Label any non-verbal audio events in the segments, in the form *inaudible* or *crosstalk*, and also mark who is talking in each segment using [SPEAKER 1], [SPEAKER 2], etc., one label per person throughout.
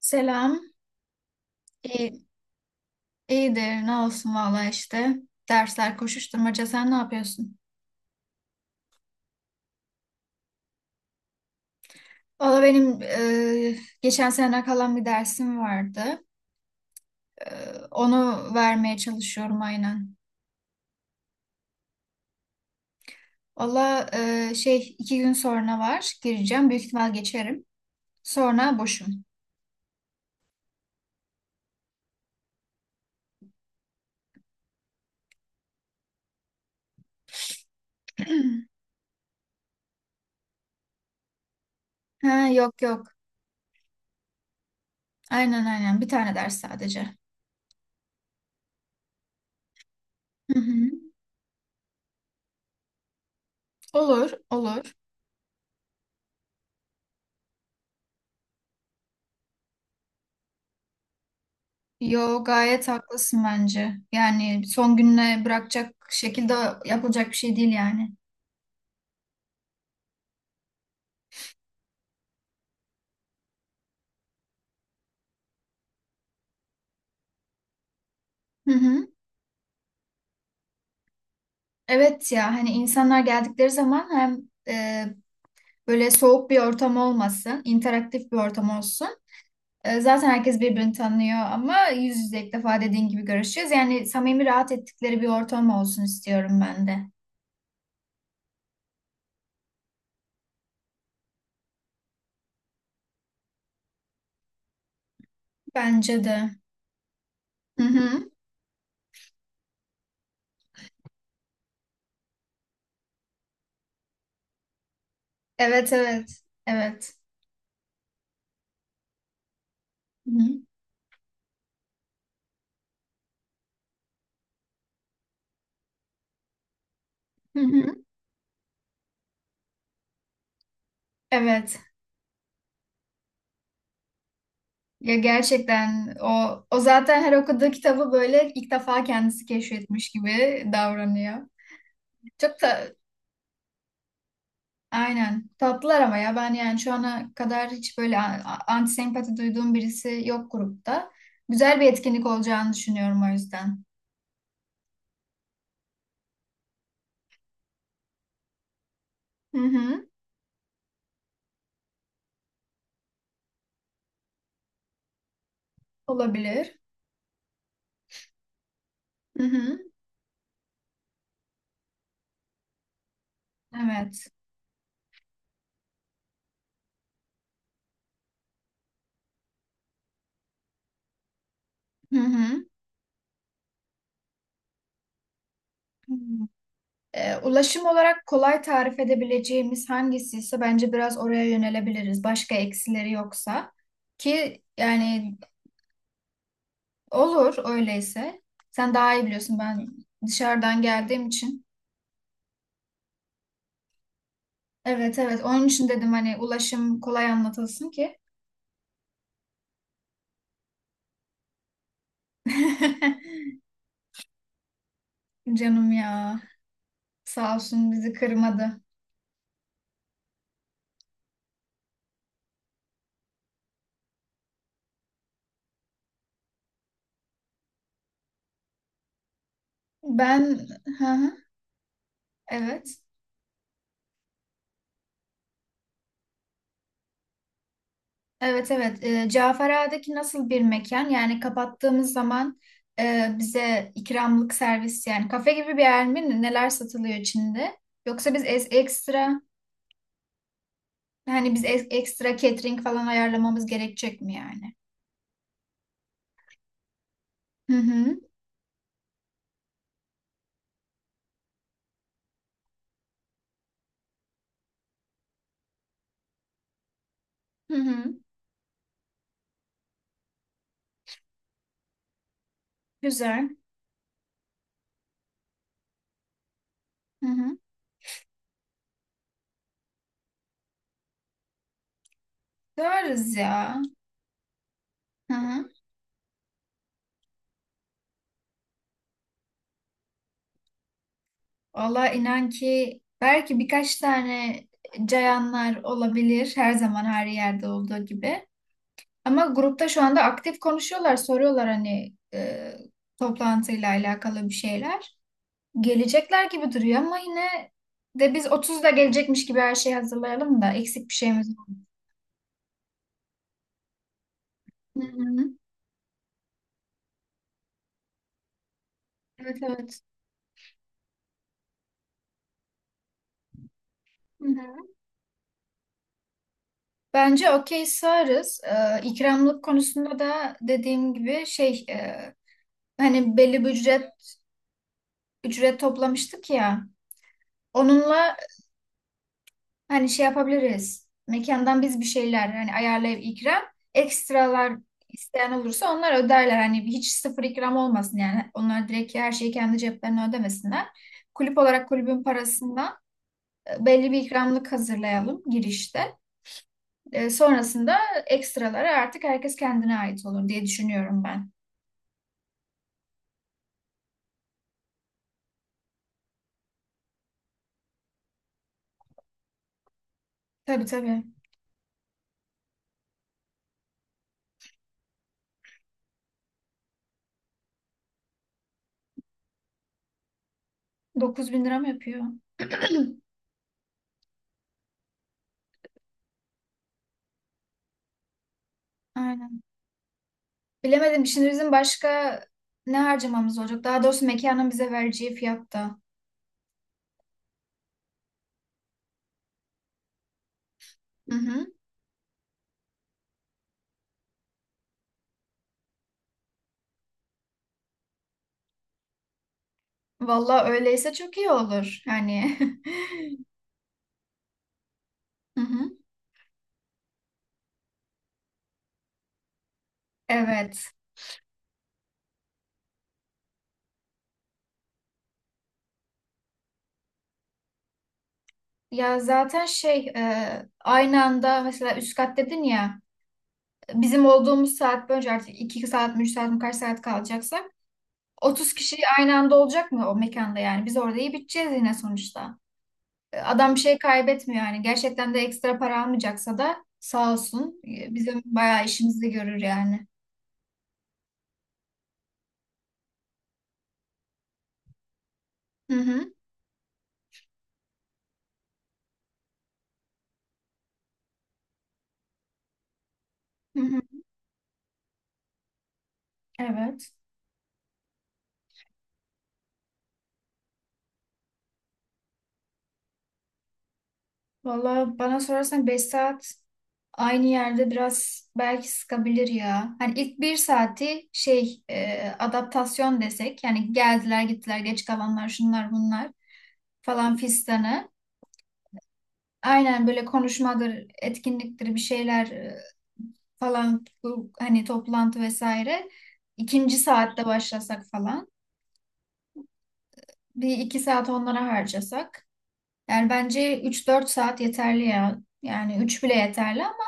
[SPEAKER 1] Selam. İyi, iyidir. Ne olsun valla işte. Dersler koşuşturmaca. Sen ne yapıyorsun? Valla benim geçen sene kalan bir dersim vardı. E, Onu vermeye çalışıyorum aynen. Valla şey 2 gün sonra var. Gireceğim. Büyük ihtimal geçerim. Sonra boşum. Ha, yok yok. Aynen aynen. Bir tane ders sadece. Hı hı. Olur, olur. Yo, gayet haklısın bence. Yani son gününe bırakacak şekilde yapılacak bir şey değil yani. Hı hı. Evet ya, hani insanlar geldikleri zaman hem e, böyle soğuk bir ortam olmasın, interaktif bir ortam olsun. Zaten herkes birbirini tanıyor ama yüz yüze ilk defa dediğin gibi görüşeceğiz. Yani samimi, rahat ettikleri bir ortam olsun istiyorum ben de. Bence de. Hı hı. Evet evet. Evet. Hı hı. Hı hı. Evet. Ya gerçekten o zaten her okuduğu kitabı böyle ilk defa kendisi keşfetmiş gibi davranıyor. Çok da. Aynen. Tatlılar ama ya, ben yani şu ana kadar hiç böyle antisempati duyduğum birisi yok grupta. Güzel bir etkinlik olacağını düşünüyorum o yüzden. Hı hı. Olabilir. Hı hı. Evet. Hı hı. Hmm. Ulaşım olarak kolay tarif edebileceğimiz hangisi ise bence biraz oraya yönelebiliriz. Başka eksileri yoksa ki yani olur öyleyse. Sen daha iyi biliyorsun, ben dışarıdan geldiğim için. Evet evet, onun için dedim hani ulaşım kolay anlatılsın ki. *laughs* Canım ya, sağ olsun bizi kırmadı. Ben, hı hı, evet evet evet, Cafera'daki nasıl bir mekan, yani kapattığımız zaman bize ikramlık servis yani kafe gibi bir yer mi, neler satılıyor içinde? Yoksa biz ekstra, hani biz ekstra catering falan ayarlamamız gerekecek mi yani? Hı hı hı hı, güzel, hı hı, görürüz ya. Hı hı. Valla inan ki belki birkaç tane cayanlar olabilir, her zaman her yerde olduğu gibi. Ama grupta şu anda aktif konuşuyorlar, soruyorlar hani toplantıyla alakalı bir şeyler. Gelecekler gibi duruyor ama yine de biz 30'da gelecekmiş gibi her şeyi hazırlayalım da eksik bir şeyimiz var. Hı hı. Evet evet. Hı hı. Bence okey sığarız. İkramlık konusunda da dediğim gibi şey, hani belli bir ücret toplamıştık ya. Onunla hani şey yapabiliriz. Mekandan biz bir şeyler hani ayarlayıp ikram, ekstralar isteyen olursa onlar öderler. Hani hiç sıfır ikram olmasın yani. Onlar direkt her şeyi kendi ceplerine ödemesinler. Kulüp olarak kulübün parasından belli bir ikramlık hazırlayalım girişte. Sonrasında ekstraları artık herkes kendine ait olur diye düşünüyorum ben. Tabii tabii. 9 bin lira mı yapıyor? *clears throat* Aynen. Bilemedim. Şimdi bizim başka ne harcamamız olacak? Daha doğrusu mekanın bize vereceği fiyatta. Hı hı. Valla öyleyse çok iyi olur. Yani. *laughs* Hı hı. Evet. Ya zaten şey, aynı anda mesela üst kat dedin ya, bizim olduğumuz saat boyunca artık 2 saat mi 3 saat mi kaç saat kalacaksak, 30 kişi aynı anda olacak mı o mekanda yani? Biz orada iyi biteceğiz yine sonuçta. Adam bir şey kaybetmiyor yani. Gerçekten de ekstra para almayacaksa da sağ olsun. Bizim bayağı işimizi görür yani. Hı hı. Hı hı. Evet. Valla bana sorarsan 5 saat aynı yerde biraz belki sıkabilir ya. Hani ilk bir saati şey, adaptasyon desek. Yani geldiler gittiler, geç kalanlar, şunlar bunlar falan fistanı. Aynen, böyle konuşmadır, etkinliktir, bir şeyler falan, bu hani toplantı vesaire. İkinci saatte başlasak falan. Bir iki saat onlara harcasak. Yani bence üç dört saat yeterli ya. Yani 3 bile yeterli ama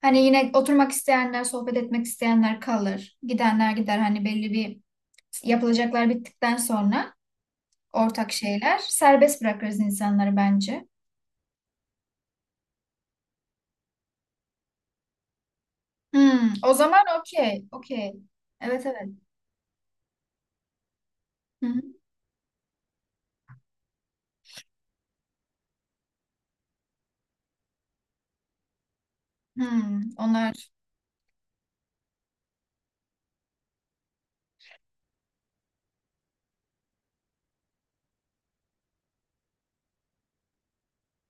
[SPEAKER 1] hani yine oturmak isteyenler, sohbet etmek isteyenler kalır. Gidenler gider, hani belli bir yapılacaklar bittikten sonra ortak şeyler. Serbest bırakırız insanları bence. O zaman okey, okey. Evet evet. Hmm, onlar.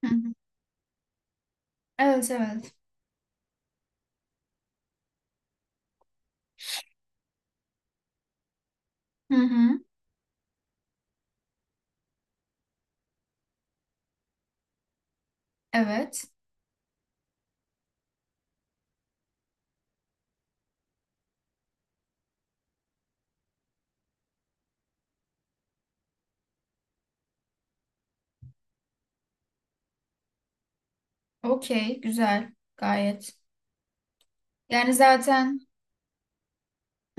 [SPEAKER 1] Hı hı. Evet evet. Hı hı. Evet. Okey. Güzel. Gayet. Yani zaten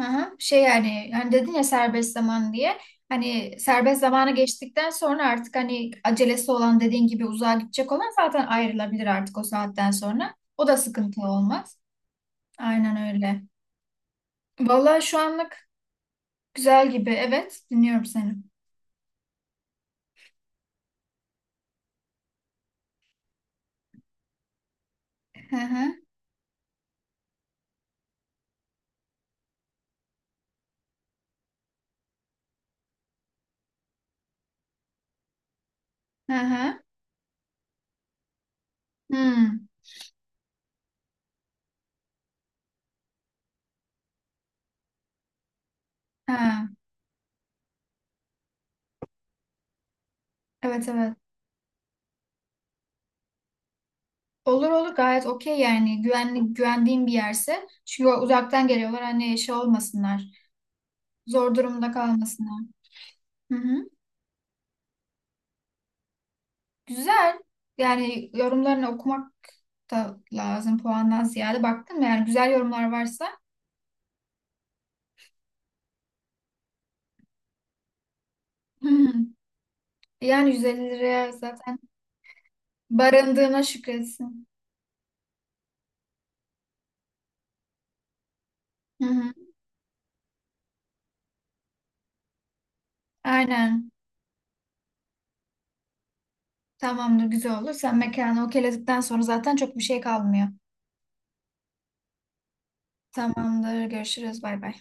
[SPEAKER 1] hı hı, şey yani, hani dedin ya serbest zaman diye. Hani serbest zamanı geçtikten sonra artık hani acelesi olan dediğin gibi uzağa gidecek olan zaten ayrılabilir artık o saatten sonra. O da sıkıntı olmaz. Aynen öyle. Vallahi şu anlık güzel gibi. Evet. Dinliyorum seni. Hı hı. Hı hı. Hmm. Ha. Evet evet. Olur olur, gayet okey yani, güvenli, güvendiğim bir yerse. Çünkü uzaktan geliyorlar, hani şey olmasınlar. Zor durumda kalmasınlar. Hı hı. Güzel. Yani yorumlarını okumak da lazım puandan ziyade. Baktın mı yani güzel yorumlar varsa. Hı hı. Yani 150 liraya zaten barındığına şükretsin. Hı hı. Aynen. Tamamdır, güzel olur. Sen mekanı okeyledikten sonra zaten çok bir şey kalmıyor. Tamamdır. Görüşürüz. Bay bay.